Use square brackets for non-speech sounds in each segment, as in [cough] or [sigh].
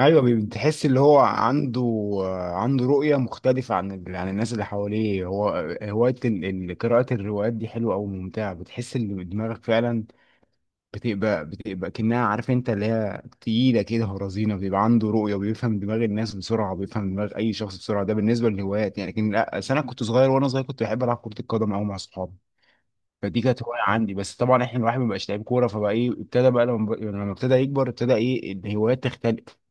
ايوه، بتحس اللي هو عنده رؤيه مختلفه عن عن الناس اللي حواليه هو. هوايه قراءه الروايات دي حلوه او ممتعه. بتحس ان دماغك فعلا بتبقى كأنها، عارف انت، اللي هي تقيله كده ورزينه. بيبقى عنده رؤيه وبيفهم دماغ الناس بسرعه، وبيفهم دماغ اي شخص بسرعه. ده بالنسبه للهوايات يعني. لكن لا، أصل انا كنت صغير، وانا صغير كنت بحب العب كره القدم قوي مع اصحابي. فدي كانت هوايه عندي، بس طبعا احنا الواحد ما بقاش لعيب كوره، فبقى ايه، ابتدى بقى لما ابتدى يكبر ابتدى ايه الهوايات تختلف.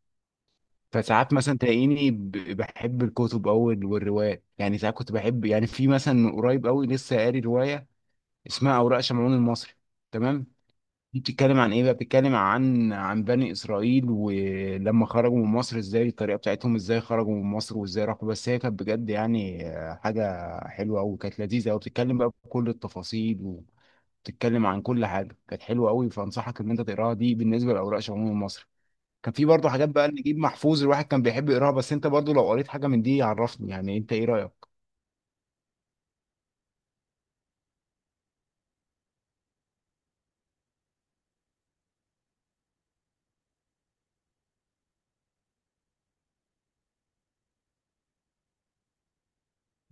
فساعات مثلا تلاقيني بحب الكتب أوي والروايات، يعني ساعات كنت بحب، يعني في مثلا من قريب أوي لسه قاري رواية اسمها أوراق شمعون المصري. تمام. دي بتتكلم عن إيه بقى، بتتكلم عن بني إسرائيل ولما خرجوا من مصر، إزاي الطريقة بتاعتهم، إزاي خرجوا من مصر وإزاي راحوا. بس هي كانت بجد يعني، حاجة حلوة أوي، كانت لذيذة أوي، بتتكلم بقى بكل التفاصيل، وبتتكلم عن كل حاجة، كانت حلوة أوي. فأنصحك إن أنت تقراها، دي بالنسبة لأوراق شمعون المصري. كان في برضه حاجات بقى، نجيب محفوظ الواحد كان بيحب يقراها. بس انت برضه لو قريت حاجه من دي عرفني، يعني انت ايه رايك.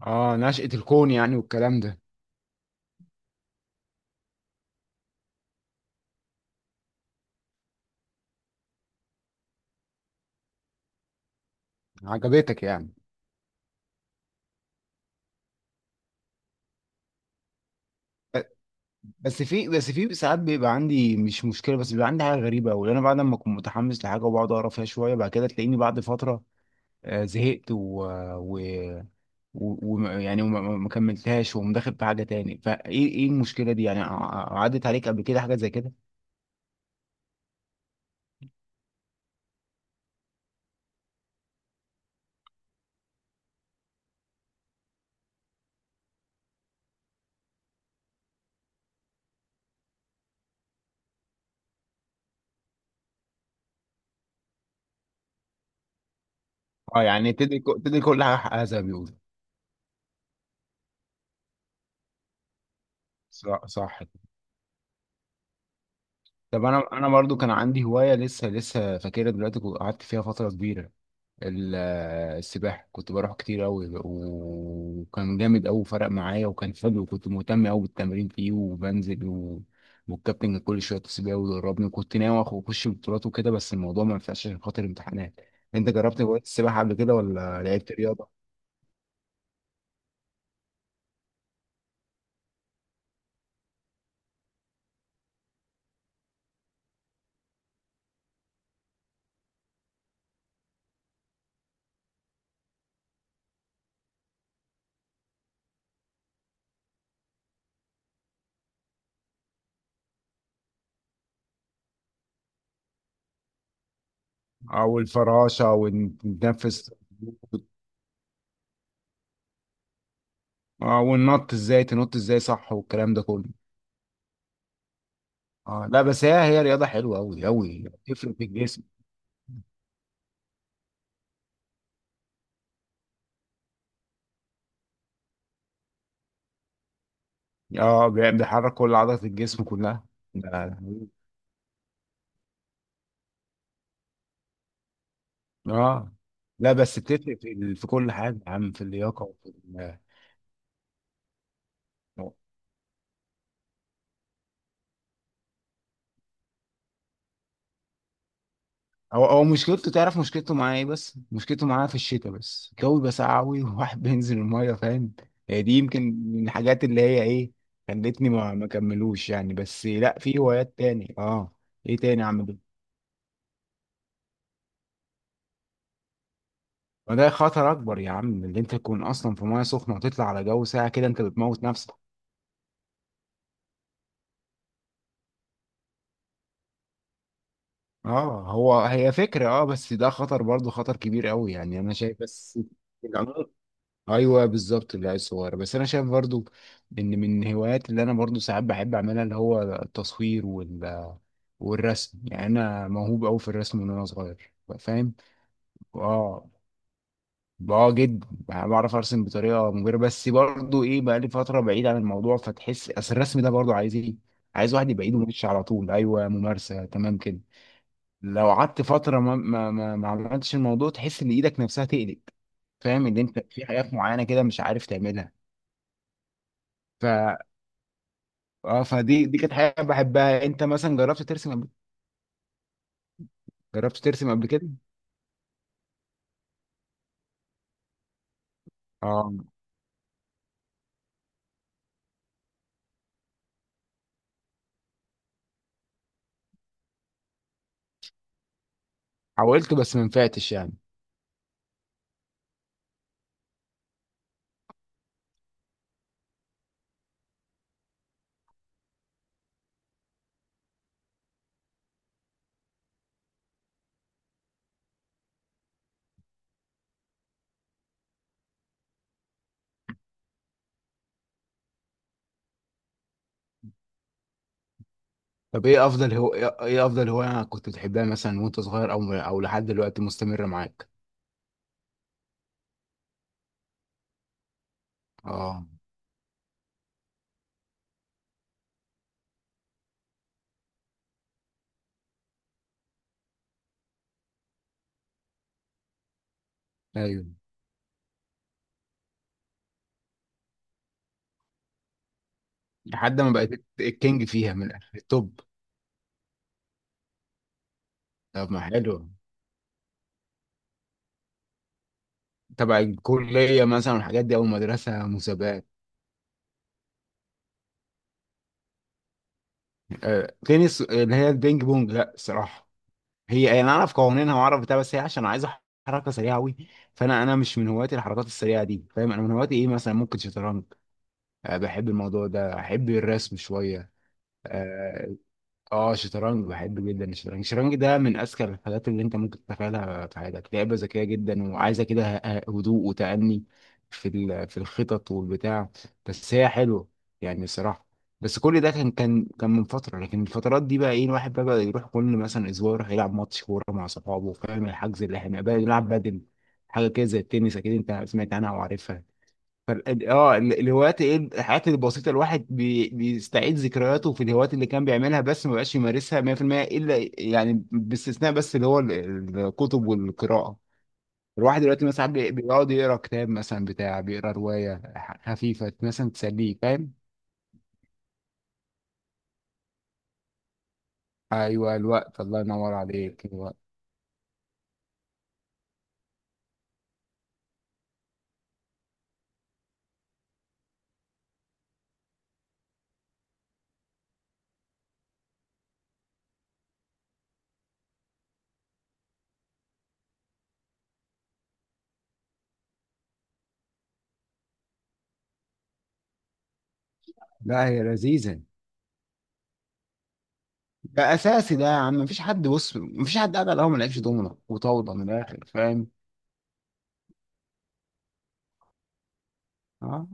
اه، نشأة الكون يعني والكلام ده. عجبتك يعني؟ ب- بس في ساعات بيبقى عندي مش مشكله، بس بيبقى عندي حاجه غريبه قوي. انا بعد ما اكون متحمس لحاجه وبقعد اقرا فيها شويه، بعد كده تلاقيني بعد فتره زهقت و... و يعني وما ما- ما كملتهاش ومدخل في حاجه تاني. فايه ايه إيه المشكله دي يعني؟ عدت عليك قبل كده حاجه زي كده؟ اه، يعني تدي كل حاجه حقها زي ما بيقولوا. صح، صح. طب، انا برضو كان عندي هوايه لسه لسه فاكرها دلوقتي، قعدت فيها فتره كبيره. السباحه، كنت بروح كتير قوي، وكان جامد قوي فرق معايا، وكان حلو، وكنت مهتم قوي بالتمرين فيه وبنزل والكابتن كان كل شويه يتصل بيا ويدربني، وكنت ناوي اخش بطولات وكده، بس الموضوع ما ينفعش عشان خاطر امتحانات. انت جربت هوايه السباحه قبل كده ولا لعبت رياضه؟ او الفراشه ونتنفس. اه، والنط ازاي تنط ازاي، صح، والكلام ده كله. اه لا، بس هي رياضة حلوة أوي أوي بتفرق في الجسم. اه، بيحرك كل عضلة الجسم كلها. ده- اه لا، بس بتفرق في كل حاجة يا عم، في اللياقة هو مشكلته، تعرف مشكلته معاه ايه؟ بس مشكلته معاه في الشتاء، بس الجو بيبقى ساقع أوي وواحد بينزل المية، فاهم. هي دي يمكن من الحاجات اللي هي ايه، خلتني ما كملوش يعني. بس لا، في هوايات تاني، اه. ايه تاني يا عم؟ ما ده خطر اكبر يا عم، اللي انت تكون اصلا في ميه سخنه وتطلع على جو ساقع كده، انت بتموت نفسك. اه، هي فكره، اه، بس ده خطر برضه، خطر كبير قوي يعني انا شايف، بس [laughs] الأنواع- ايوه بالظبط، العيال الصغيره. بس انا شايف برضه ان من الهوايات اللي انا برضه ساعات بحب اعملها اللي هو التصوير والرسم، يعني انا موهوب قوي في الرسم من وانا صغير، فاهم. اه. اه، جدا يعني، بعرف ارسم بطريقه مبهره، بس برضو ايه بقى، لي فتره بعيد عن الموضوع، فتحس اصل الرسم ده برضو عايز ايه. عايز واحد يبقى ايده ماشيه على طول، ايوه ممارسه، تمام كده. لو قعدت فتره ما عملتش الموضوع تحس ان ايدك نفسها تقلق. فاهم ان انت في حاجات معينه كده مش عارف تعملها. ف اه فدي كانت حاجه بحبها. انت مثلا جربت ترسم قبل؟ جربت ترسم قبل كده؟ اه، حاولت بس ما نفعتش يعني. طب، ايه افضل هواية كنت بتحبها مثلا وانت صغير او لحد دلوقتي مستمرة معاك؟ اه ايوه، لحد ما بقيت الكينج فيها من الآخر، التوب. طب ما حلو. تبع الكلية مثلا والحاجات دي او المدرسة مسابقات؟ آه. تنس اللي هي البينج بونج، لا الصراحة. هي يعني انا اعرف قوانينها واعرف بتاع، بس هي عشان عايزة حركة سريعة قوي، فانا مش من هواياتي الحركات السريعة دي، فاهم، انا من هواياتي ايه مثلا، ممكن شطرنج. آه، بحب الموضوع ده، احب الرسم شوية. آه. اه، شطرنج بحب جدا. الشطرنج ده من اذكى الحاجات اللي انت ممكن تتخيلها في حياتك. لعبه ذكيه جدا وعايزه كده هدوء وتأني في الخطط والبتاع. بس هي حلوه يعني، الصراحه. بس كل ده كان من فتره، لكن الفترات دي بقى ايه، الواحد بقى يروح كل مثلا اسبوع يروح يلعب ماتش كوره مع صحابه، فاهم، الحجز اللي احنا بقى يلعب بدل. حاجه كده زي التنس، اكيد انت سمعت عنها وعارفها. الهوايات، ايه الحاجات البسيطه، الواحد بيستعيد ذكرياته في الهوايات اللي كان بيعملها، بس ما بقاش يمارسها 100% الا، يعني باستثناء، بس اللي هو الكتب والقراءه. الواحد دلوقتي مثلا ساعات بيقعد يقرا كتاب مثلا بتاع، بيقرا روايه خفيفه مثلا، تسليه، فاهم. ايوه الوقت، الله ينور عليك، الوقت. لا، هي لذيذه. ده اساسي، ده يا عم مفيش حد، بص مفيش حد قاعد على القهوه ما لعبش دومنه وطاوله من الاخر، فاهم. اه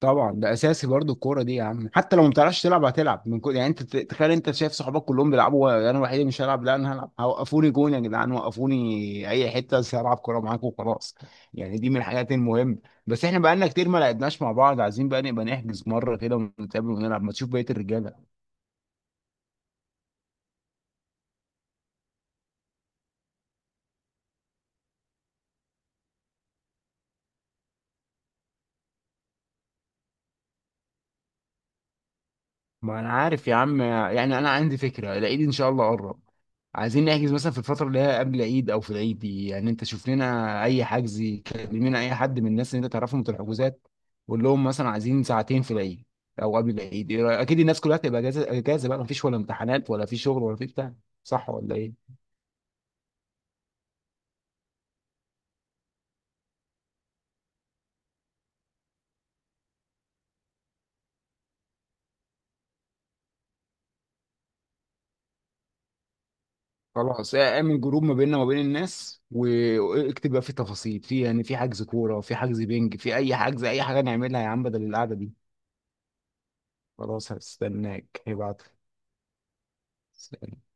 طبعا، ده اساسي برضو الكوره دي يا عم، حتى لو ما بتعرفش تلعب هتلعب. من كل، يعني انت تخيل، انت شايف صحابك كلهم بيلعبوا وانا الوحيد اللي مش هلعب؟ لا انا هلعب، وقفوني جون يا جدعان، وقفوني اي حته بس هلعب كوره معاكم وخلاص. يعني دي من الحاجات المهمه. بس احنا بقالنا كتير ما لعبناش مع بعض، عايزين بقى نبقى نحجز مره كده ونتقابل ونلعب، ما تشوف بقيه الرجاله. ما انا عارف يا عم، يعني انا عندي فكره، العيد ان شاء الله قرب. عايزين نحجز مثلا في الفتره اللي هي قبل العيد او في العيد دي، يعني انت شوف لنا اي حجز. كلمنا اي حد من الناس اللي انت تعرفهم في الحجوزات. قول لهم مثلا عايزين ساعتين في العيد، او قبل العيد، إيه رأيك؟ اكيد الناس كلها هتبقى اجازه اجازه بقى، مفيش ولا امتحانات ولا في شغل ولا في بتاع. صح ولا ايه؟ خلاص، اعمل جروب ما بيننا وما بين الناس واكتب بقى فيه تفاصيل في، يعني في حجز كوره، في حجز بينج، في اي حجز، اي حاجه نعملها يا عم بدل القعده دي. خلاص، هستناك هيبعت. سلام.